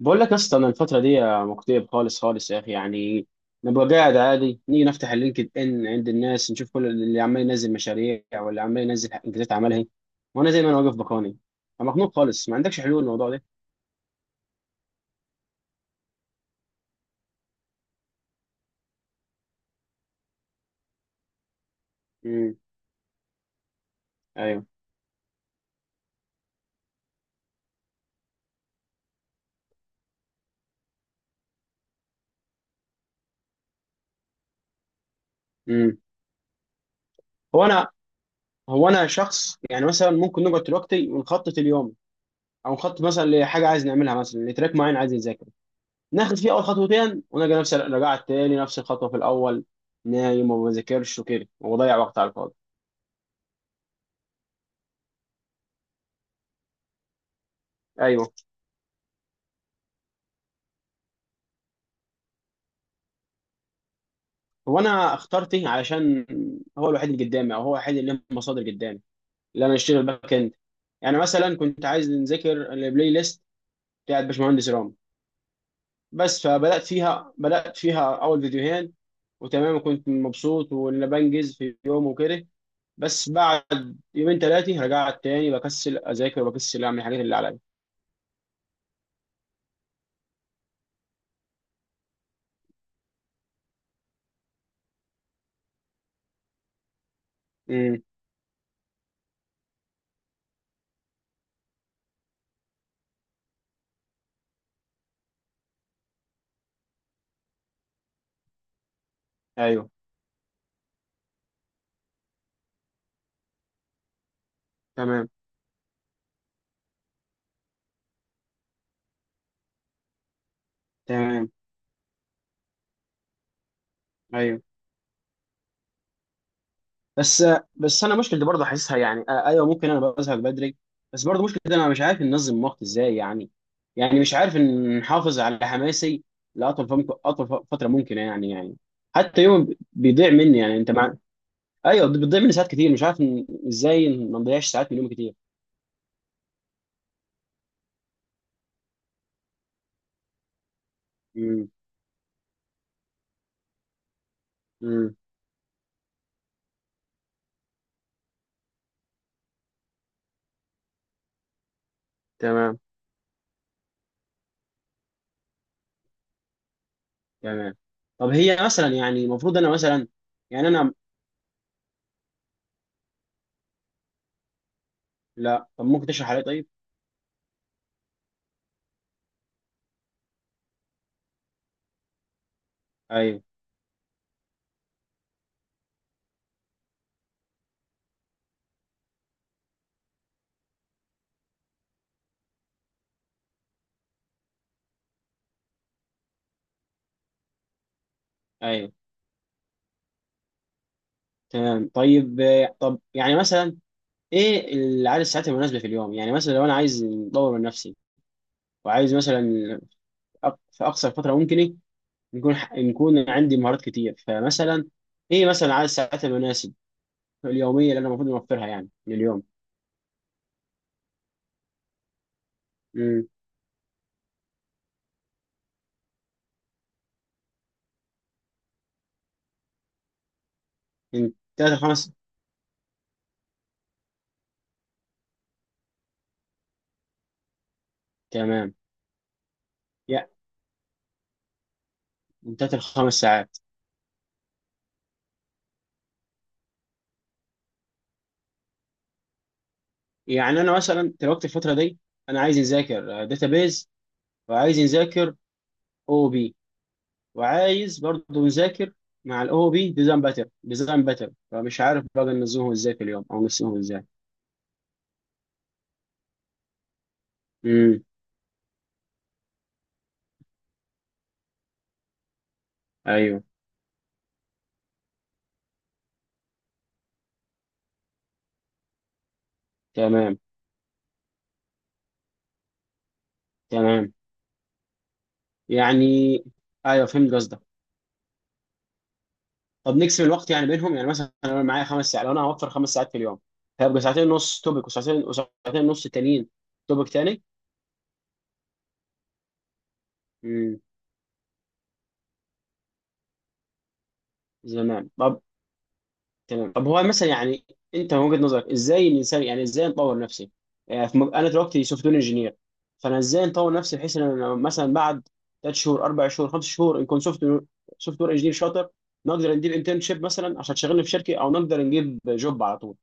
بقول لك يا اسطى، انا الفتره دي مكتئب خالص خالص يا اخي، يعني نبقى قاعد عادي، نيجي نفتح اللينكد ان عند الناس، نشوف كل اللي عمال ينزل مشاريع واللي عمال ينزل انجازات عملها. وانا زي ما انا واقف بكوني. أنا مخنوق خالص، ما عندكش حلول للموضوع ده؟ امم. ايوه. امم. هو انا هو انا شخص، يعني مثلا ممكن نقعد دلوقتي ونخطط اليوم، او نخطط مثلا لحاجه عايز نعملها، مثلا لتراك معين عايز نذاكره. ناخد فيه اول خطوتين ونلقى نفس رجعت تاني نفس الخطوه في الاول نايم، وما بذاكرش وكده وبضيع وقت على الفاضي. ايوه. هو انا اخترت ايه؟ علشان هو الوحيد اللي قدامي، او هو الوحيد اللي له مصادر قدامي، اللي انا اشتغل باك اند. يعني مثلا كنت عايز نذاكر البلاي ليست بتاعت باشمهندس رام. بس فبدات فيها اول فيديوهين وتمام، وكنت مبسوط وانا بنجز في يوم وكده. بس بعد يومين ثلاثه رجعت تاني بكسل اذاكر وبكسل اعمل الحاجات اللي عليا. امم. ايوه. تمام. تمام. ايوه. بس بس انا مشكلتي برضه حاسسها، يعني ايوه، ممكن انا بزهق بدري. بس برضه مشكلتي انا مش عارف انظم وقتي ازاي، يعني مش عارف ان نحافظ على حماسي لاطول فتره ممكنه، يعني حتى يوم بيضيع مني، يعني انت مع. ايوه، بيضيع مني ساعات كتير، مش عارف ازاي ما نضيعش ساعات من يومي كتير. امم. امم. تمام. تمام. طب هي مثلا، يعني المفروض انا مثلا يعني انا... لا، طب ممكن تشرح علي؟ طيب. ايوه. ايوه. تمام. طيب طب، يعني مثلا ايه العدد الساعات المناسبه في اليوم؟ يعني مثلا لو انا عايز اطور من نفسي، وعايز مثلا في اقصر فتره ممكن، إيه؟ نكون عندي مهارات كتير، فمثلا ايه مثلا عدد الساعات المناسب اليوميه اللي انا المفروض اوفرها يعني لليوم؟ امم. من ثلاث لخمس. تمام. يا، من ثلاث لخمس ساعات؟ يعني انا مثلا دلوقتي الفتره دي انا عايز نذاكر داتابيز، وعايز نذاكر او بي، وعايز برضه يذاكر مع الاو بي ديزاين باتر فمش عارف بقى ننزلهم ازاي في اليوم او نسيهم ازاي. امم. ايوه. تمام. تمام. يعني ايوه، فهمت قصدك. طب نقسم الوقت يعني بينهم، يعني مثلا انا معايا خمس ساعات، لو انا هوفر خمس ساعات في اليوم، هيبقى ساعتين ونص توبك، وساعتين وساعتين ونص تانيين توبك تاني. امم. تمام. تمام. طب هو مثلا، يعني انت من وجهة نظرك ازاي الانسان، يعني ازاي نطور نفسي؟ يعني انا دلوقتي سوفت وير انجينير، فانا ازاي نطور نفسي بحيث ان انا مثلا بعد ثلاث شهور، اربع شهور، خمس شهور نكون سوفت وير انجينير شاطر، نقدر نجيب انترنشيب مثلا عشان تشغلني في شركه، او نقدر نجيب جوب على طول.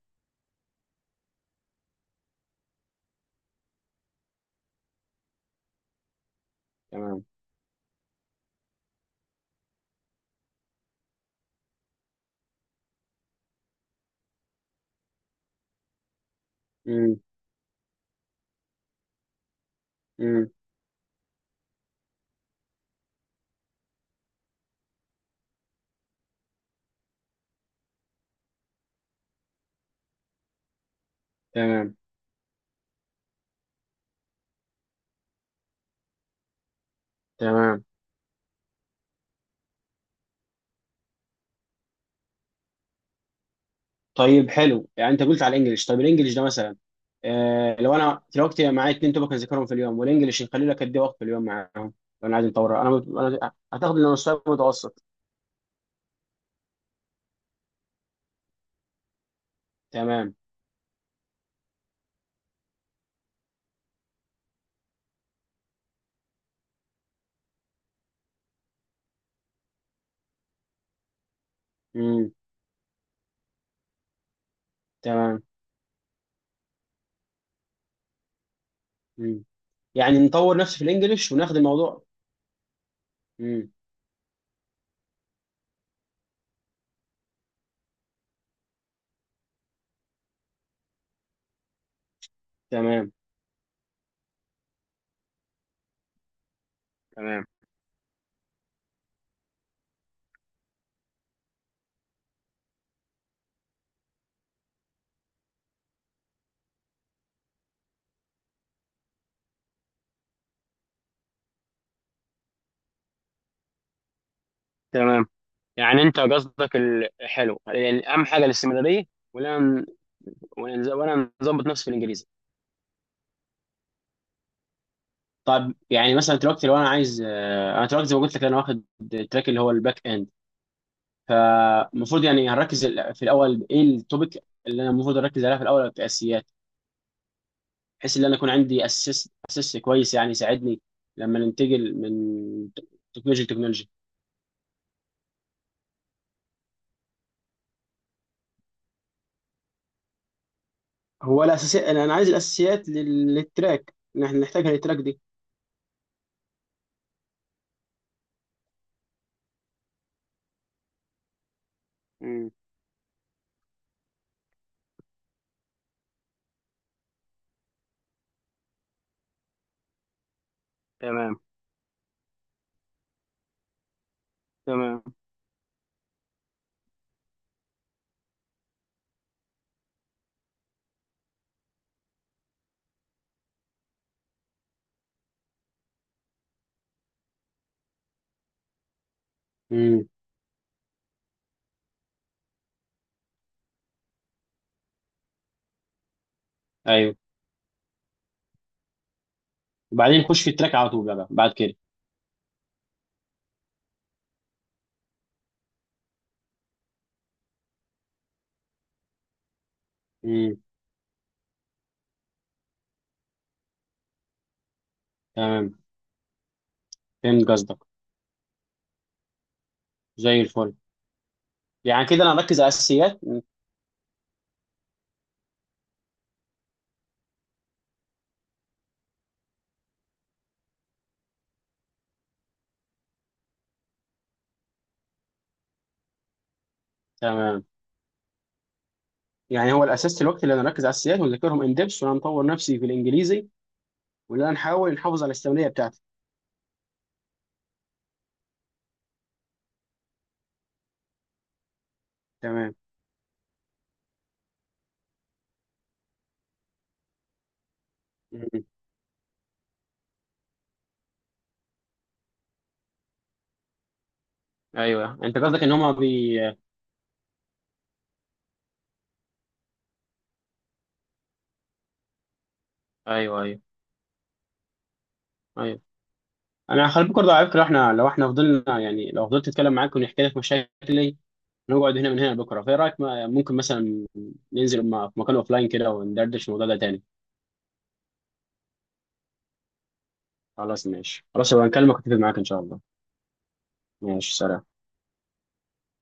تمام. امم. امم. تمام. تمام. طيب حلو، يعني انت قلت على الانجليش. طيب الانجليش ده مثلا، لو انا دلوقتي معايا اتنين توبك اذاكرهم في اليوم، والانجليش نخلي لك قد ايه وقت في اليوم معاهم؟ لو انا عايز اطور انا، انا هتاخد لنا مستوى متوسط. تمام. امم. تمام. امم. يعني نطور نفسي في الانجليش وناخد الموضوع. امم. تمام. تمام. تمام. يعني انت قصدك حلو، يعني اهم حاجه الاستمراريه؟ ولا ولا نظبط نفسي في الانجليزي؟ طب يعني مثلا دلوقتي لو انا عايز، انا دلوقتي زي ما قلت لك انا واخد التراك اللي هو الباك اند، فالمفروض يعني هنركز في الاول، ايه التوبيك اللي انا المفروض اركز عليها في الاول كاساسيات، بحيث ان انا يكون عندي اساس اساس كويس يعني يساعدني لما ننتقل من تكنولوجيا لتكنولوجيا. هو الاساسيات أنا عايز الاساسيات للتراك، إن احنا نحتاجها للتراك دي. مم. تمام. تمام. امم. ايوه، وبعدين نخش في التراك على طول بقى بعد كده. امم. تمام، فهمت قصدك. زي الفل. يعني كده انا اركز على الاساسيات. مم. تمام. يعني هو الاساس دلوقتي اللي انا اركز على السياد واذاكرهم ان ديبس، ولا نطور نفسي في الانجليزي، ولا نحاول نحافظ على الاستمراريه بتاعتي؟ تمام. م- ايوه، انت قصدك ان هما بي. ايوه. ايوه. ايوه، انا خلي بالك برضه على فكره، لو احنا فضلنا، يعني لو فضلت اتكلم معاك ونحكي لك مشاكلي نقعد هنا من هنا لبكره، فايه رايك؟ ممكن مثلا ننزل في مكان اوف لاين كده وندردش الموضوع ده تاني. خلاص ماشي، خلاص يبقى نكلمك، اتفق معاك ان شاء الله. ماشي، سلام.